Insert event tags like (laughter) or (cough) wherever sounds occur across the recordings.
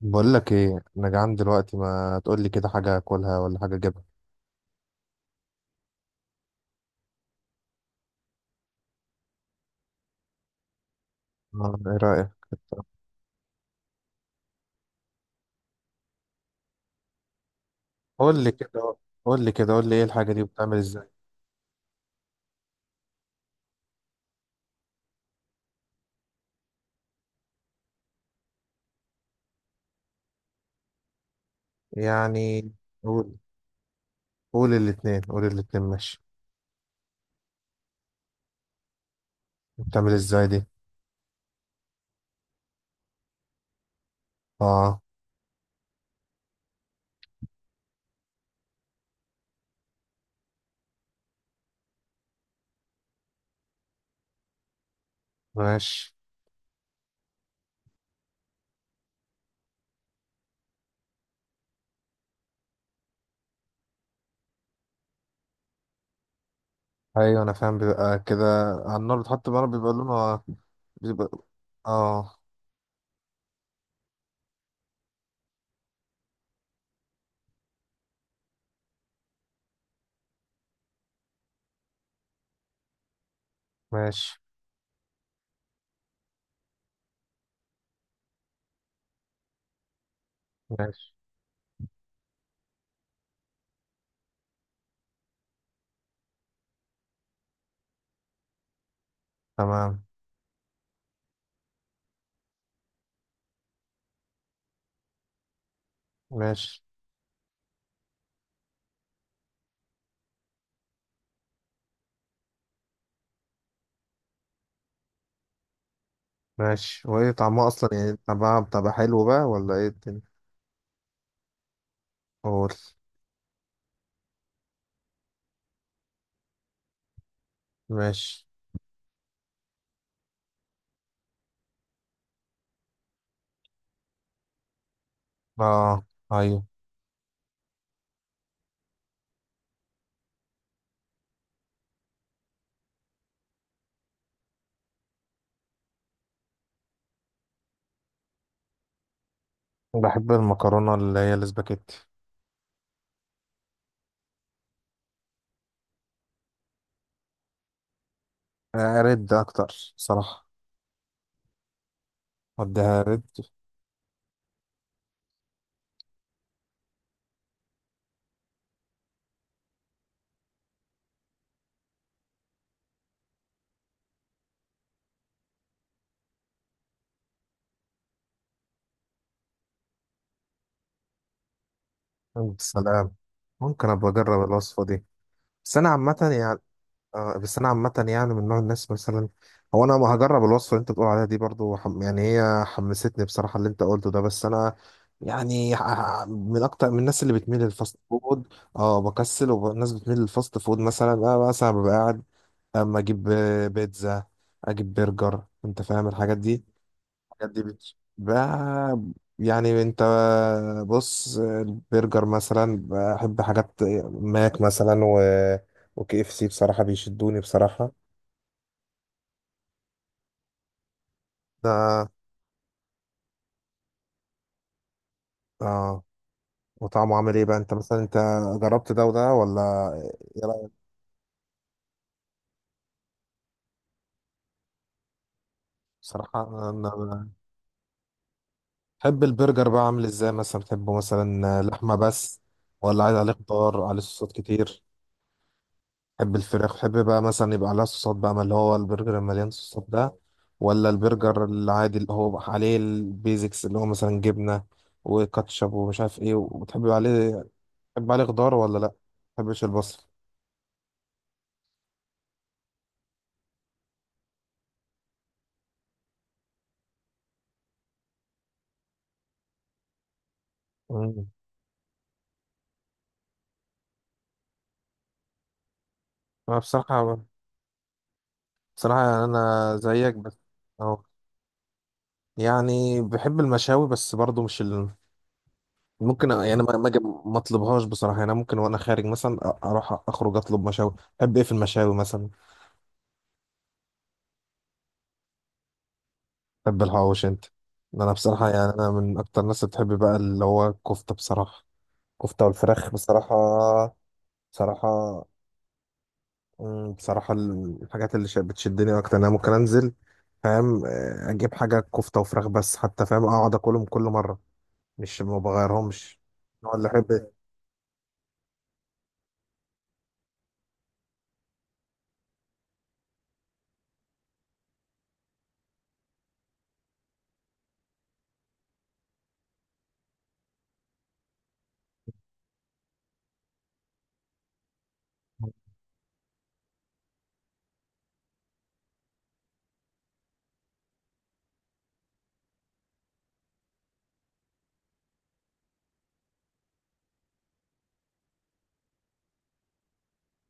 بقول لك ايه، انا جعان دلوقتي. ما تقول لي كده حاجه اكلها ولا حاجه اجيبها؟ آه، ايه رايك؟ قول لي كده قول لي كده. قول لي ايه الحاجه دي بتعمل ازاي؟ يعني قول قول الاتنين، قول الاتنين، ماشي. بتعمل ازاي دي؟ اه، ماشي. ايوه انا فاهم، بيبقى كده. على النار بتحط، بقى بيبقى لونها بيبقى. اه، ماشي، ماشي، تمام، ماشي، ماشي. وايه طعمها اصلا؟ يعني طعمها بتبقى حلو بقى ولا ايه الدنيا؟ قول. ماشي. اه، ايوه. بحب المكرونة اللي هي الاسباجيتي. آه، رد أكتر صراحة. أديها رد. سلام. ممكن أبقى أجرب الوصفة دي؟ بس أنا عامة يعني. آه، بس أنا عامة يعني من نوع الناس مثلا. هو أنا ما هجرب الوصفة اللي أنت بتقول عليها دي برضو؟ يعني هي حمستني بصراحة اللي أنت قلته ده. بس أنا يعني من أكتر من الناس اللي بتميل للفاست فود. أه، بكسل، والناس بتميل للفاست فود. مثلا أنا مثلا ببقى قاعد، اما اجيب بيتزا، اجيب برجر، انت فاهم الحاجات دي. بجد بقى، يعني انت، بص البرجر مثلا، بحب حاجات ماك مثلا، وكي اف سي بصراحة بيشدوني بصراحة. ده اه، وطعمه عامل ايه بقى؟ انت مثلا انت جربت ده وده ولا؟ ايه رأيك؟ بصراحة، انا بحب البرجر بقى. عامل ازاي مثلا بتحبه؟ مثلا لحمة بس ولا عايز عليه خضار، عليه صوصات كتير؟ بحب الفراخ. بحب بقى مثلا يبقى عليها صوصات، بقى ما اللي هو البرجر المليان صوصات ده، ولا البرجر العادي اللي هو عليه البيزكس، اللي هو مثلا جبنة وكاتشب ومش عارف ايه، وبتحب عليه؟ بتحب عليه خضار ولا لا؟ ما بحبش البصل. مم. انا بصراحة، بصراحة يعني انا زيك بس. اه، يعني بحب المشاوي، بس برضو مش ال... ممكن يعني ما ما اطلبهاش بصراحة. يعني أنا ممكن وانا خارج مثلا اروح اخرج اطلب مشاوي. بحب ايه في المشاوي مثلا؟ تحب الحواوشي انت؟ انا بصراحه، يعني انا من اكتر الناس اللي بتحب بقى اللي هو الكفته بصراحه. كفته والفراخ بصراحه. بصراحه، مم، بصراحه الحاجات اللي بتشدني اكتر انا ممكن انزل، فاهم، اجيب حاجه كفته وفراخ بس، حتى فاهم اقعد اكلهم كل مره، مش ما بغيرهمش. هو اللي احب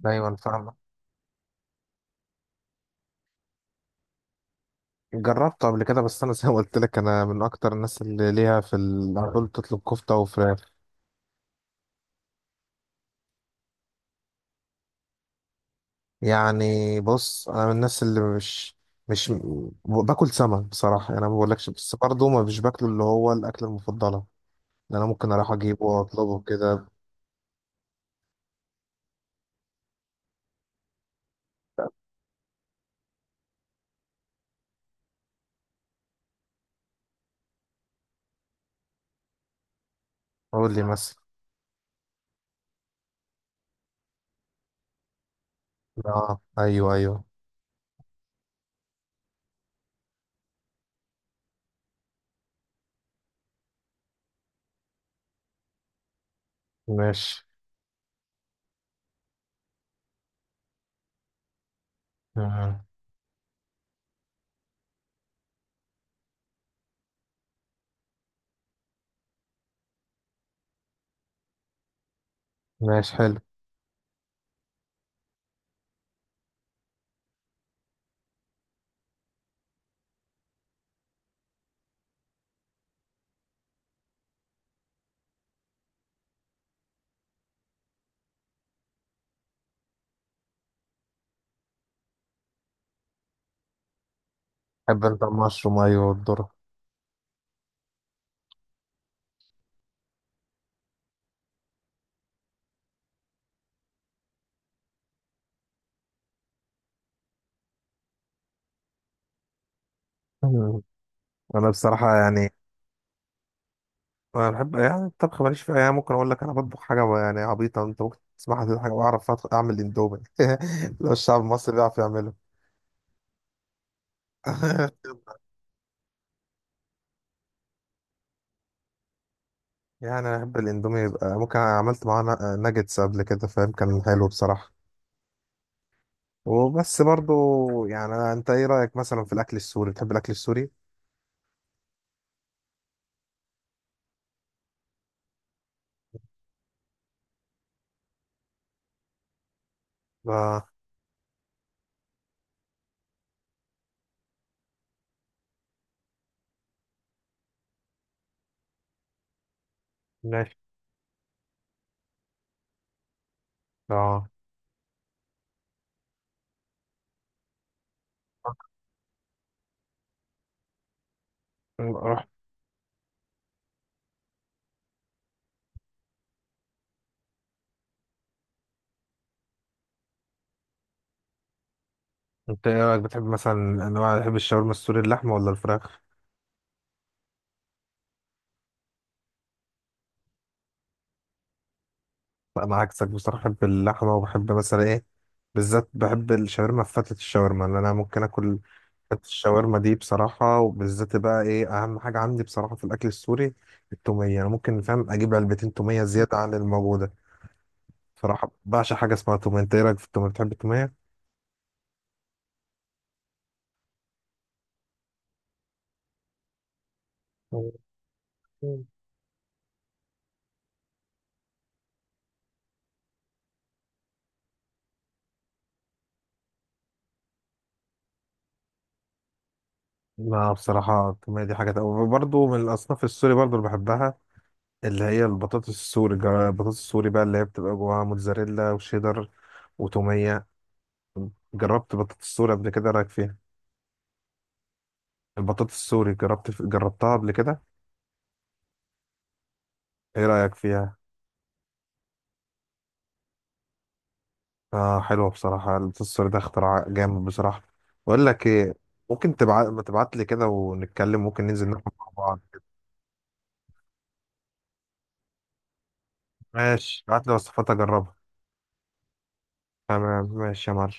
دايما، فاهم؟ جربته قبل كده، بس انا زي ما قلت لك، انا من اكتر الناس اللي ليها في على طول تطلب كفته وفراخ. يعني بص، انا من الناس اللي مش، باكل سمك بصراحه. يعني انا ما بقولكش، بس برضه ما مش باكله اللي هو الاكله المفضله اللي انا ممكن اروح اجيبه واطلبه كده. قول لي مثلا. اه، ايوه، ايوه. ماشي. مم. ماشي، حلو. بحب انت المشروم؟ ايوه، والذره. مم. انا بصراحه يعني، انا بحب يعني الطبخ ماليش فيها، يعني ممكن اقول لك انا بطبخ حاجه يعني عبيطه انت ممكن تسمعها. دي حاجه بعرف اعمل اندومي. (laughs) لو الشعب المصري بيعرف يعمله. (laughs) يعني انا بحب الاندومي، يبقى ممكن أنا عملت معاه ناجتس قبل كده، فاهم، كان حلو بصراحه. وبس برضو، يعني انت ايه رايك مثلا في الاكل السوري؟ بتحب الاكل السوري؟ اه، ماشي. اه، رحت. انت ايه رايك؟ بتحب مثلا انواع، بتحب الشاورما السوري اللحمه ولا الفراخ؟ لا انا عكسك بصراحه، بحب اللحمه، وبحب مثلا ايه، بالذات بحب الشاورما، فتة الشاورما اللي انا ممكن اكل. فتة الشاورما دي بصراحه. وبالذات بقى ايه اهم حاجه عندي بصراحه في الاكل السوري؟ التوميه. انا ممكن فاهم اجيب علبتين توميه زياده عن الموجوده بصراحه. بعشق حاجه اسمها توميه. انت ايه رايك في التوميه؟ بتحب التوميه؟ مم. لا بصراحة التومية دي حاجة، برضه من الأصناف السوري برضه اللي بحبها، اللي هي البطاطس السوري. البطاطس السوري بقى اللي هي بتبقى جواها موتزاريلا وشيدر وتومية. جربت بطاطس السوري قبل كده؟ إيه رأيك فيها؟ البطاطس السوري جربت، قبل كده؟ ايه رأيك فيها؟ آه، حلوة بصراحة. البطاطس السوري ده اختراع جامد بصراحة. بقول لك ايه، ممكن تبعت، ما تبعت لي كده، ونتكلم ممكن ننزل ناكل مع بعض كده. ماشي بعت لي وصفات اجربها. تمام، ماشي يا معلم.